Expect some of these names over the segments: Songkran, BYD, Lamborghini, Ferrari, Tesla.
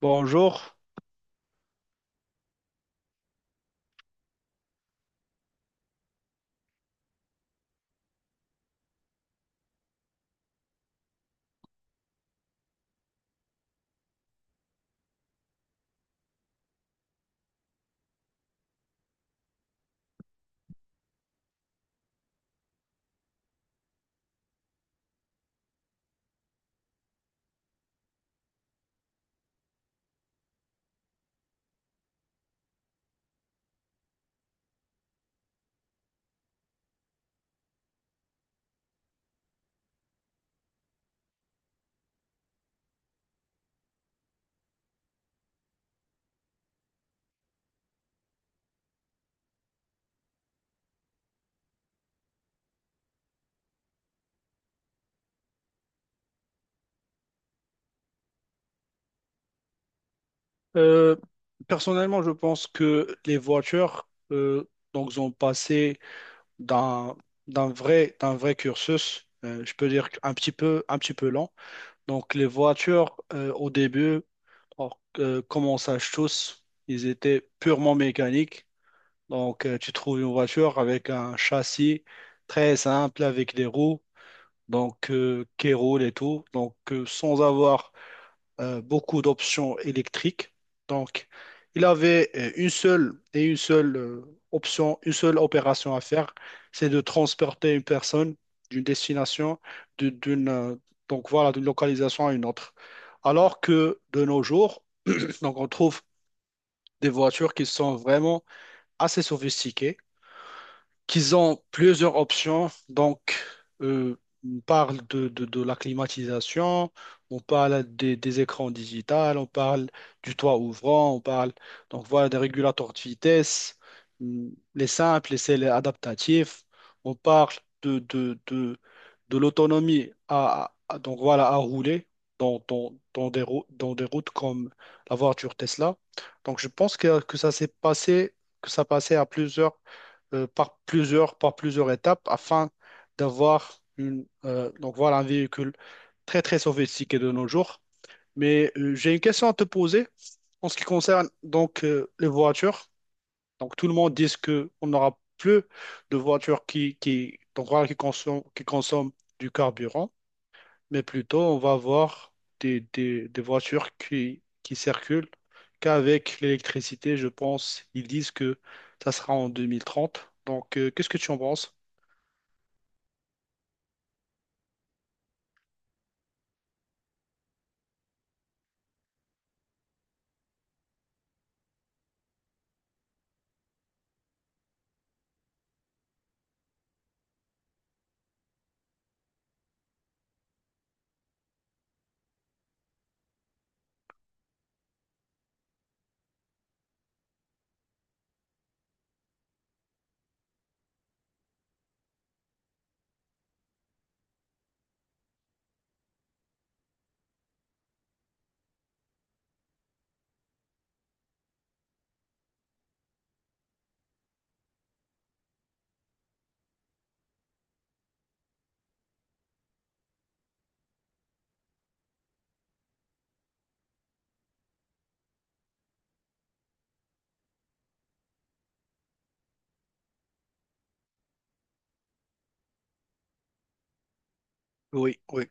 Bonjour. Euh, personnellement, je pense que les voitures donc ont passé d'un d'un vrai cursus. Je peux dire un petit peu lent. Donc les voitures au début, or, comme on sache tous, ils étaient purement mécaniques. Donc tu trouves une voiture avec un châssis très simple avec des roues donc qui roulent et tout. Donc sans avoir beaucoup d'options électriques. Donc, il avait une seule et une seule option, une seule opération à faire, c'est de transporter une personne d'une destination, de- d'une, euh, donc voilà, d'une localisation à une autre. Alors que de nos jours, donc on trouve des voitures qui sont vraiment assez sophistiquées qu'ils ont plusieurs options. Donc, euh, on parle de la climatisation, on parle des écrans digitales, on parle du toit ouvrant, on parle donc voilà des régulateurs de vitesse, les simples, les celles adaptatifs. On parle de, de, de, de l'autonomie donc voilà à rouler dans dans des routes comme la voiture Tesla. Donc, je pense que ça s'est passé, que ça passait à plusieurs par plusieurs, par plusieurs étapes afin d'avoir donc voilà, un véhicule très, très sophistiqué de nos jours. Mais j'ai une question à te poser en ce qui concerne donc les voitures. Donc tout le monde dit que on n'aura plus de voitures donc, voilà, qui consomment du carburant, mais plutôt on va avoir des voitures qui circulent qu'avec l'électricité, je pense. Ils disent que ça sera en 2030. Donc, qu'est-ce que tu en penses? Oui, oui,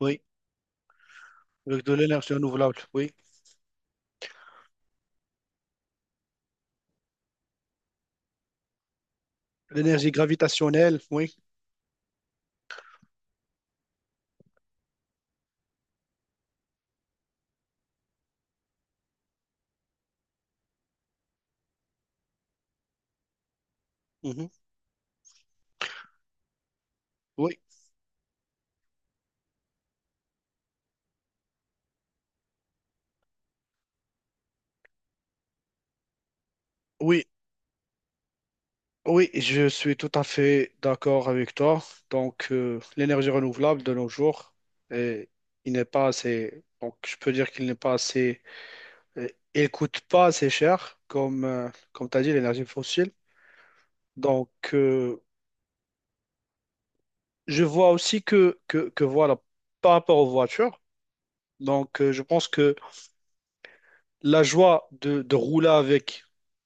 oui. Avec de l'énergie renouvelable, oui. L'énergie gravitationnelle, oui. Mhm. Oui, oui, oui, je suis tout à fait d'accord avec toi. Donc, l'énergie renouvelable de nos jours, euh, il n'est pas assez. Donc, je peux dire qu'il n'est pas assez. euh, il coûte pas assez cher, comme, comme tu as dit, l'énergie fossile. Donc, je vois aussi que voilà, par rapport aux voitures, donc je pense que la joie de rouler avec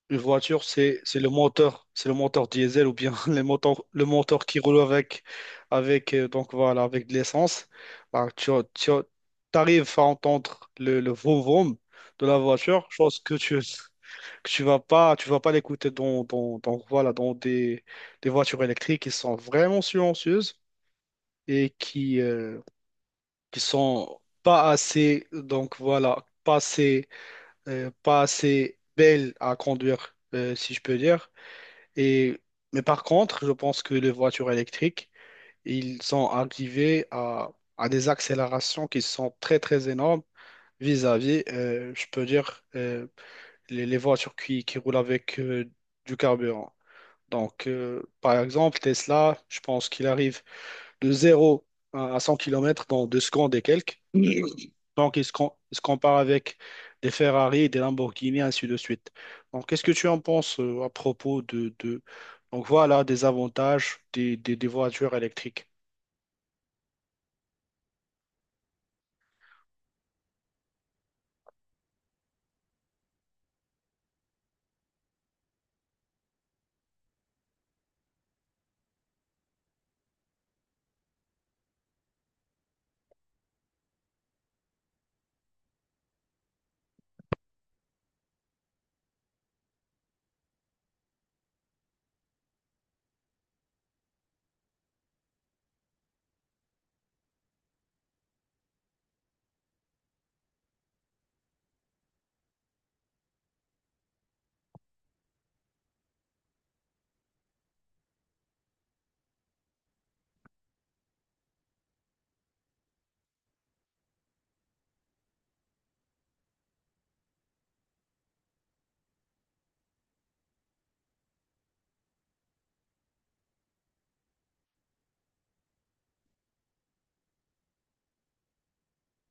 une voiture, c'est le moteur diesel ou bien les moteurs, le moteur qui roule donc voilà, avec de l'essence. Bah, tu arrives à entendre le vroom vroom de la voiture, chose que tu que tu vas pas l'écouter voilà des voitures électriques qui sont vraiment silencieuses et qui sont pas assez, donc voilà, pas assez, pas assez belles à conduire, si je peux dire. Et, mais par contre, je pense que les voitures électriques, ils sont arrivés à des accélérations qui sont très, très énormes vis-à-vis, je peux dire, les voitures qui roulent avec du carburant. Donc, par exemple, Tesla, je pense qu'il arrive de zéro à 100 km dans 2 secondes et quelques. Donc, il se compare avec des Ferrari, des Lamborghini, ainsi de suite. Donc, qu'est-ce que tu en penses à propos donc, voilà, des avantages des voitures électriques.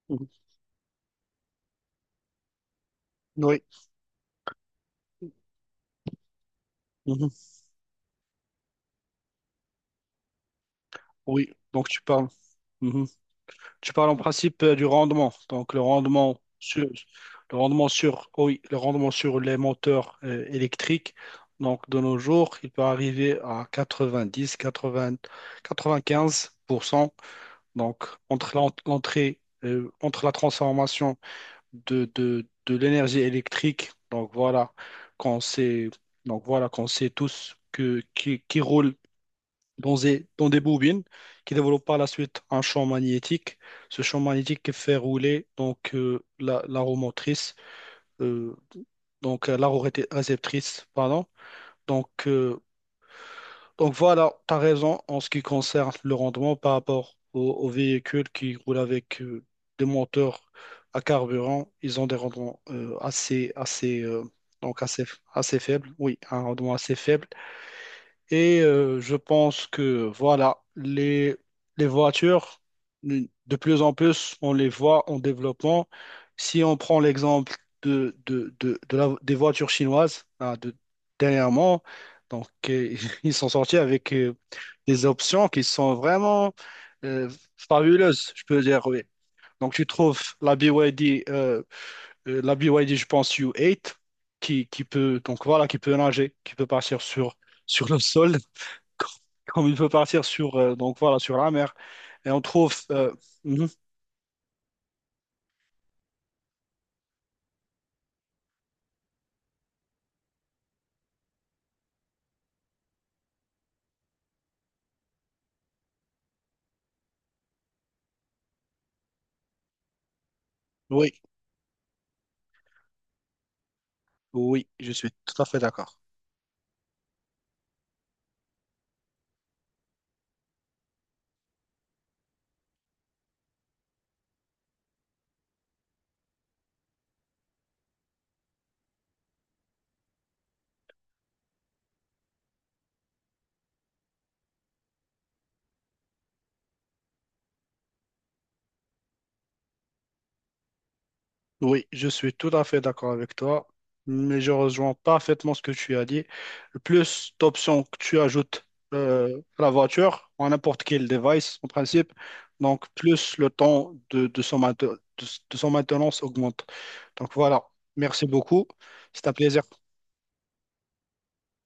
Mhm. Oui. Mhm. Oui, donc tu parles. Mhm. Tu parles en principe du rendement. Donc, oh oui, le rendement sur les moteurs électriques. Donc, de nos jours, il peut arriver à 90, 80, 95%. Donc, entre l'entrée, entre la transformation de l'énergie électrique. Donc, voilà, quand c'est, donc, voilà, qu'on sait tous que, qui roule dans des bobines qui développent par la suite un champ magnétique. Ce champ magnétique qui fait rouler donc la roue motrice, euh, donc la réceptrice, pardon. Donc, euh, donc voilà, tu as raison en ce qui concerne le rendement par rapport aux, aux véhicules qui roulent avec des moteurs à carburant. Ils ont des rendements donc assez, assez faibles. Oui, un rendement assez faible. Et je pense que voilà, les voitures, de plus en plus, on les voit en développement. Si on prend l'exemple de des voitures chinoises hein, de, dernièrement, donc ils sont sortis avec des options qui sont vraiment euh, fabuleuses, je peux dire, oui. Donc, tu trouves la BYD, la BYD, je pense, U8, qui peut, donc voilà, qui peut nager, qui peut partir sur, sur le sol. Comme il peut partir sur, donc voilà, sur la mer. Et on trouve. Mhm. Oui, oui, je suis tout à fait d'accord. Oui, je suis tout à fait d'accord avec toi, mais je rejoins parfaitement ce que tu as dit. Plus d'options que tu ajoutes à la voiture, à n'importe quel device en principe, donc plus le temps de son maintenance augmente. Donc voilà, merci beaucoup, c'est un plaisir.